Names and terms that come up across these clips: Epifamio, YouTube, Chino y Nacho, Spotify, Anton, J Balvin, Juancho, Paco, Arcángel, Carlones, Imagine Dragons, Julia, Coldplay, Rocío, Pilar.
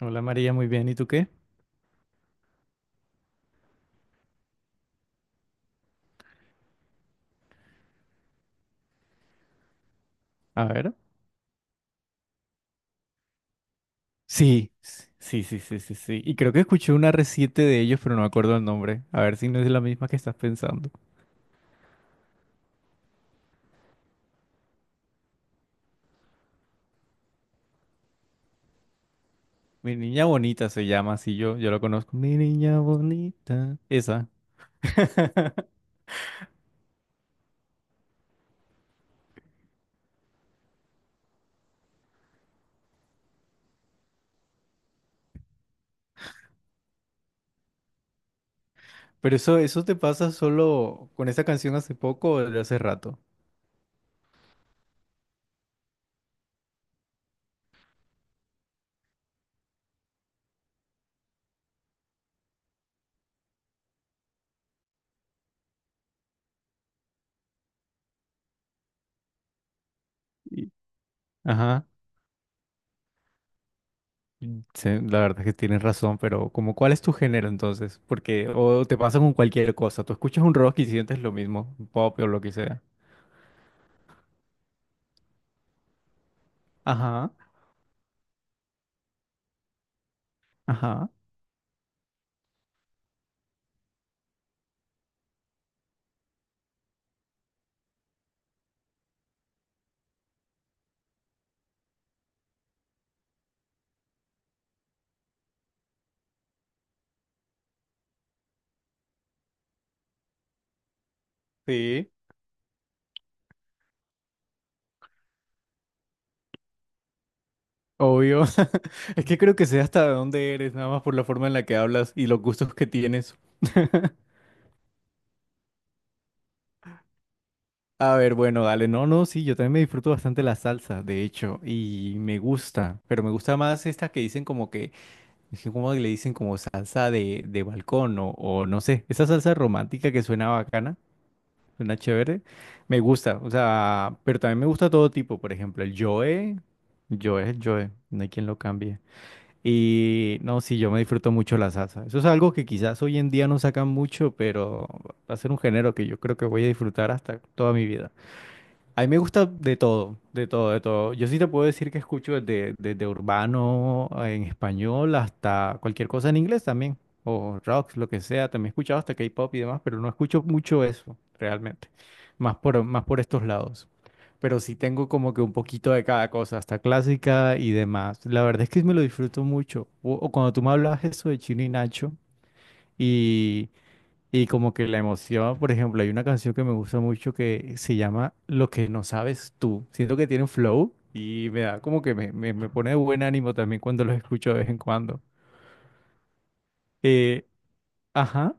Hola María, muy bien. ¿Y tú qué? A ver. Sí, sí, sí, sí, sí, sí. Y creo que escuché una reciente de ellos, pero no me acuerdo el nombre. A ver si no es la misma que estás pensando. Mi niña bonita se llama así yo lo conozco. Mi niña bonita. Esa. Pero eso te pasa solo con esa canción hace poco o de hace rato. Y- Ajá. Sí, la verdad es que tienes razón, pero como ¿cuál es tu género entonces? Porque o te pasa con cualquier cosa. Tú escuchas un rock y sientes lo mismo, un pop o lo que sea. Ajá. Ajá. Sí, obvio. Es que creo que sé hasta de dónde eres, nada más por la forma en la que hablas y los gustos que tienes. A ver, bueno, dale. No, no, sí, yo también me disfruto bastante la salsa, de hecho, y me gusta, pero me gusta más esta que dicen como que, es que como le dicen como salsa de balcón o no sé, esa salsa romántica que suena bacana, suena chévere, me gusta, o sea, pero también me gusta todo tipo, por ejemplo, el Joe, Joe, Joe, no hay quien lo cambie. Y no, sí, yo me disfruto mucho la salsa. Eso es algo que quizás hoy en día no sacan mucho, pero va a ser un género que yo creo que voy a disfrutar hasta toda mi vida. A mí me gusta de todo, de todo, de todo. Yo sí te puedo decir que escucho desde urbano en español hasta cualquier cosa en inglés también, o rock, lo que sea. También he escuchado hasta K-pop y demás, pero no escucho mucho eso realmente, más más por estos lados. Pero sí tengo como que un poquito de cada cosa, hasta clásica y demás. La verdad es que me lo disfruto mucho. O cuando tú me hablas eso de Chino y Nacho. y como que la emoción, por ejemplo, hay una canción que me gusta mucho que se llama Lo que no sabes tú. Siento que tiene un flow y me da como que me pone de buen ánimo también cuando los escucho de vez en cuando. Eh, ajá,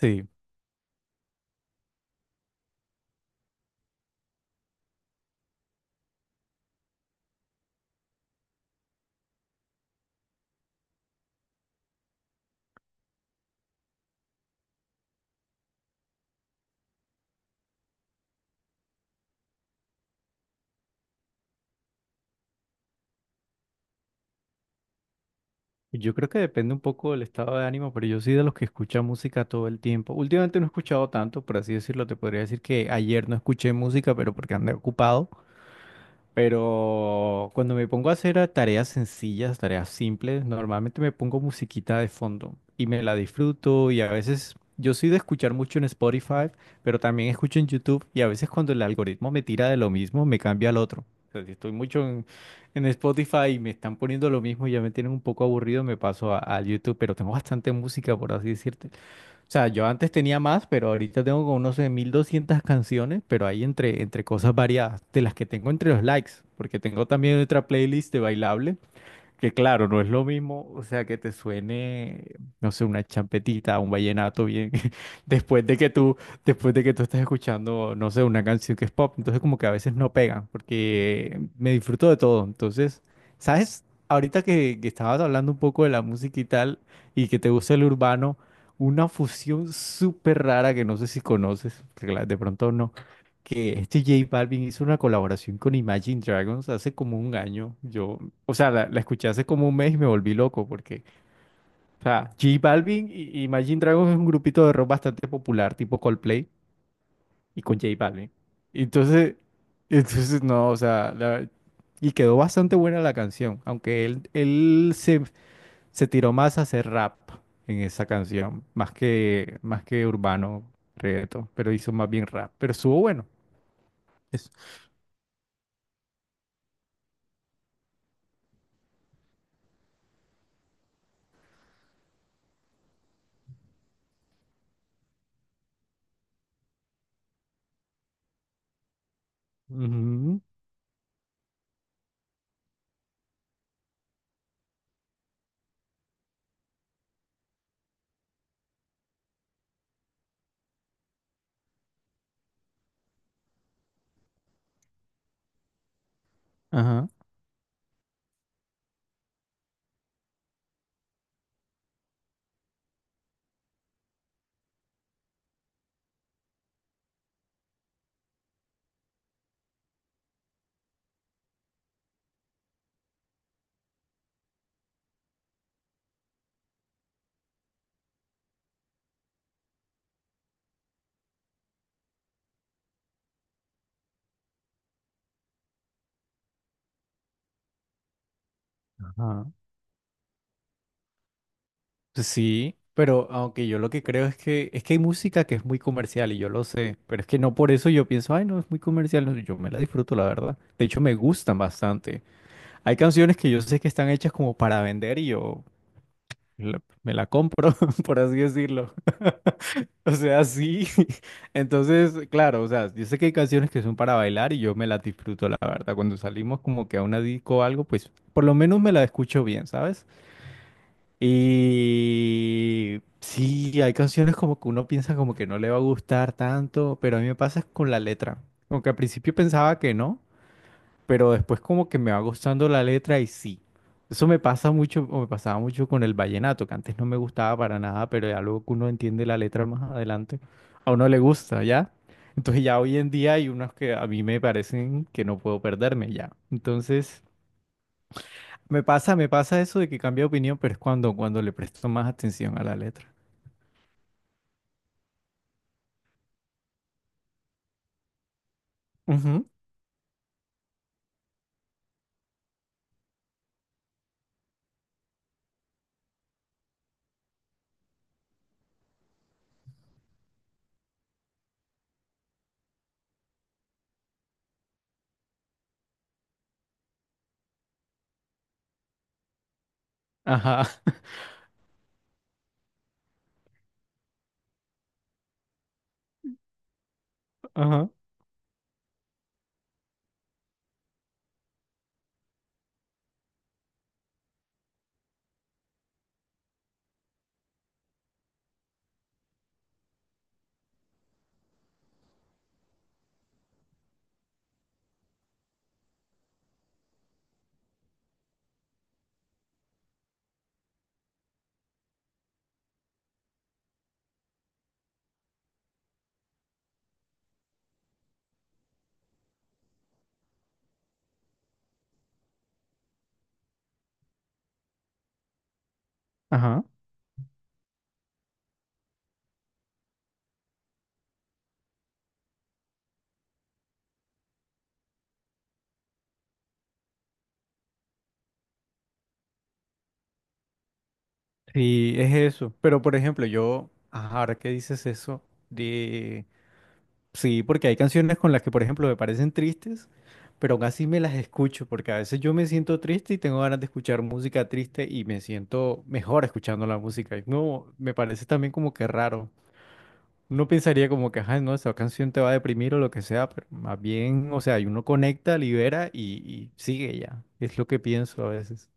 sí. Yo creo que depende un poco del estado de ánimo, pero yo soy de los que escucha música todo el tiempo. Últimamente no he escuchado tanto, por así decirlo. Te podría decir que ayer no escuché música, pero porque andé ocupado. Pero cuando me pongo a hacer tareas sencillas, tareas simples, normalmente me pongo musiquita de fondo y me la disfruto y a veces yo soy de escuchar mucho en Spotify, pero también escucho en YouTube y a veces cuando el algoritmo me tira de lo mismo, me cambia al otro. O sea, si estoy mucho en Spotify y me están poniendo lo mismo y ya me tienen un poco aburrido, me paso a YouTube, pero tengo bastante música, por así decirte. O sea, yo antes tenía más, pero ahorita tengo como, no sé, 1200 canciones, pero hay entre cosas variadas, de las que tengo entre los likes, porque tengo también otra playlist de bailable, que claro, no es lo mismo, o sea, que te suene, no sé, una champetita, un vallenato bien, después de que después de que tú estás escuchando, no sé, una canción que es pop, entonces como que a veces no pegan, porque me disfruto de todo. Entonces, ¿sabes? Ahorita que estabas hablando un poco de la música y tal, y que te gusta el urbano, una fusión súper rara que no sé si conoces, de pronto no que este J Balvin hizo una colaboración con Imagine Dragons hace como un año. Yo O sea, la escuché hace como un mes y me volví loco porque, o sea, J Balvin y Imagine Dragons es un grupito de rock bastante popular, tipo Coldplay y con J Balvin. Entonces, entonces no, o sea, y quedó bastante buena la canción, aunque él se tiró más a hacer rap en esa canción, más más que urbano, reggaetón, pero hizo más bien rap, pero estuvo bueno. Es- Ujú. Ajá. Ajá. Sí, pero aunque yo lo que creo es que hay música que es muy comercial y yo lo sé, pero es que no por eso yo pienso, ay, no, es muy comercial, no, yo me la disfruto, la verdad. De hecho, me gustan bastante. Hay canciones que yo sé que están hechas como para vender y me la compro, por así decirlo. O sea, sí. Entonces, claro, o sea, yo sé que hay canciones que son para bailar y yo me las disfruto, la verdad. Cuando salimos como que a una disco o algo, pues por lo menos me la escucho bien, ¿sabes? Y sí, hay canciones como que uno piensa como que no le va a gustar tanto, pero a mí me pasa es con la letra. Como que al principio pensaba que no, pero después como que me va gustando la letra y sí. Eso me pasa mucho, o me pasaba mucho con el vallenato, que antes no me gustaba para nada, pero ya luego que uno entiende la letra más adelante, a uno le gusta, ¿ya? Entonces ya hoy en día hay unos que a mí me parecen que no puedo perderme ya. Entonces... me pasa eso de que cambia de opinión, pero es cuando le presto más atención a la letra. Ujú. Ajá, ajá, ajá. Sí, es eso. Pero por ejemplo, ajá, ahora que dices eso, de... sí, porque hay canciones con las que, por ejemplo, me parecen tristes, pero aún así me las escucho, porque a veces yo me siento triste y tengo ganas de escuchar música triste y me siento mejor escuchando la música. Y no, me parece también como que raro. Uno pensaría como que, ajá, no, esa canción te va a deprimir o lo que sea, pero más bien, o sea, y uno conecta, libera y sigue ya. Es lo que pienso a veces.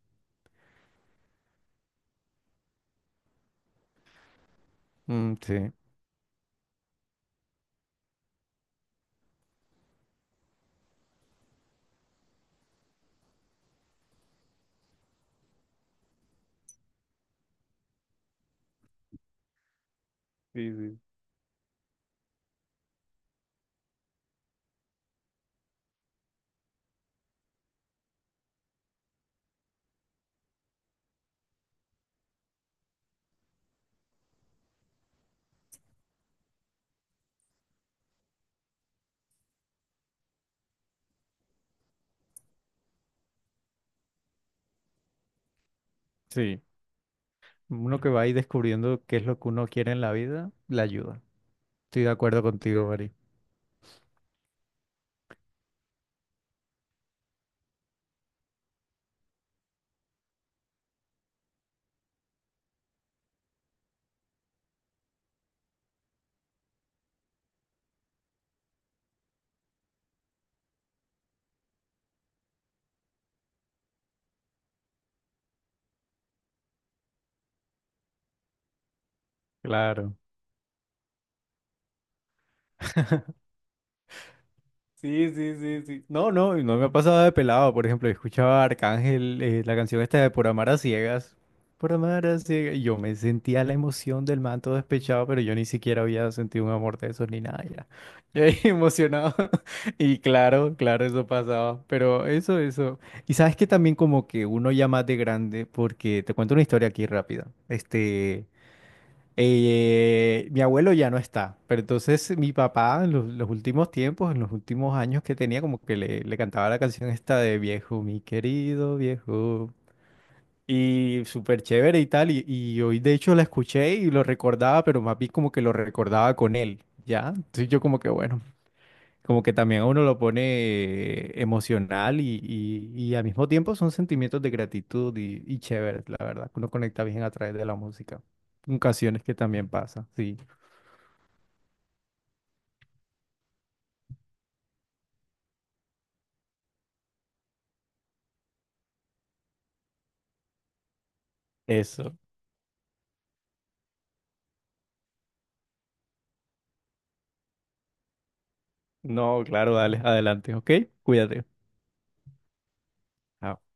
Mm, sí. Sí, sí. Sí. Uno que va ahí descubriendo qué es lo que uno quiere en la vida, la ayuda. Estoy de acuerdo contigo, Mari. Claro. Sí, sí, sí, sí. No, no, y no me ha pasado de pelado. Por ejemplo, escuchaba a Arcángel, la canción esta de Por amar a ciegas. Por amar a ciegas. Y yo me sentía la emoción del man todo despechado, pero yo ni siquiera había sentido un amor de esos ni nada. Ya, ya ahí emocionado. Y claro, claro, eso pasaba. Pero eso. Y sabes que también como que uno ya más de grande, porque te cuento una historia aquí rápida. Mi abuelo ya no está, pero entonces mi papá en los últimos tiempos, en los últimos años que tenía, como que le cantaba la canción esta de viejo, mi querido viejo. Y súper chévere y tal, y hoy de hecho la escuché y lo recordaba, pero más bien como que lo recordaba con él, ¿ya? Entonces yo como que bueno, como que también a uno lo pone emocional y al mismo tiempo son sentimientos de gratitud y chévere, la verdad, que uno conecta bien a través de la música. Ocasiones que también pasa, sí. Eso. No, claro, dale, adelante, ¿ok? Cuídate. Chao.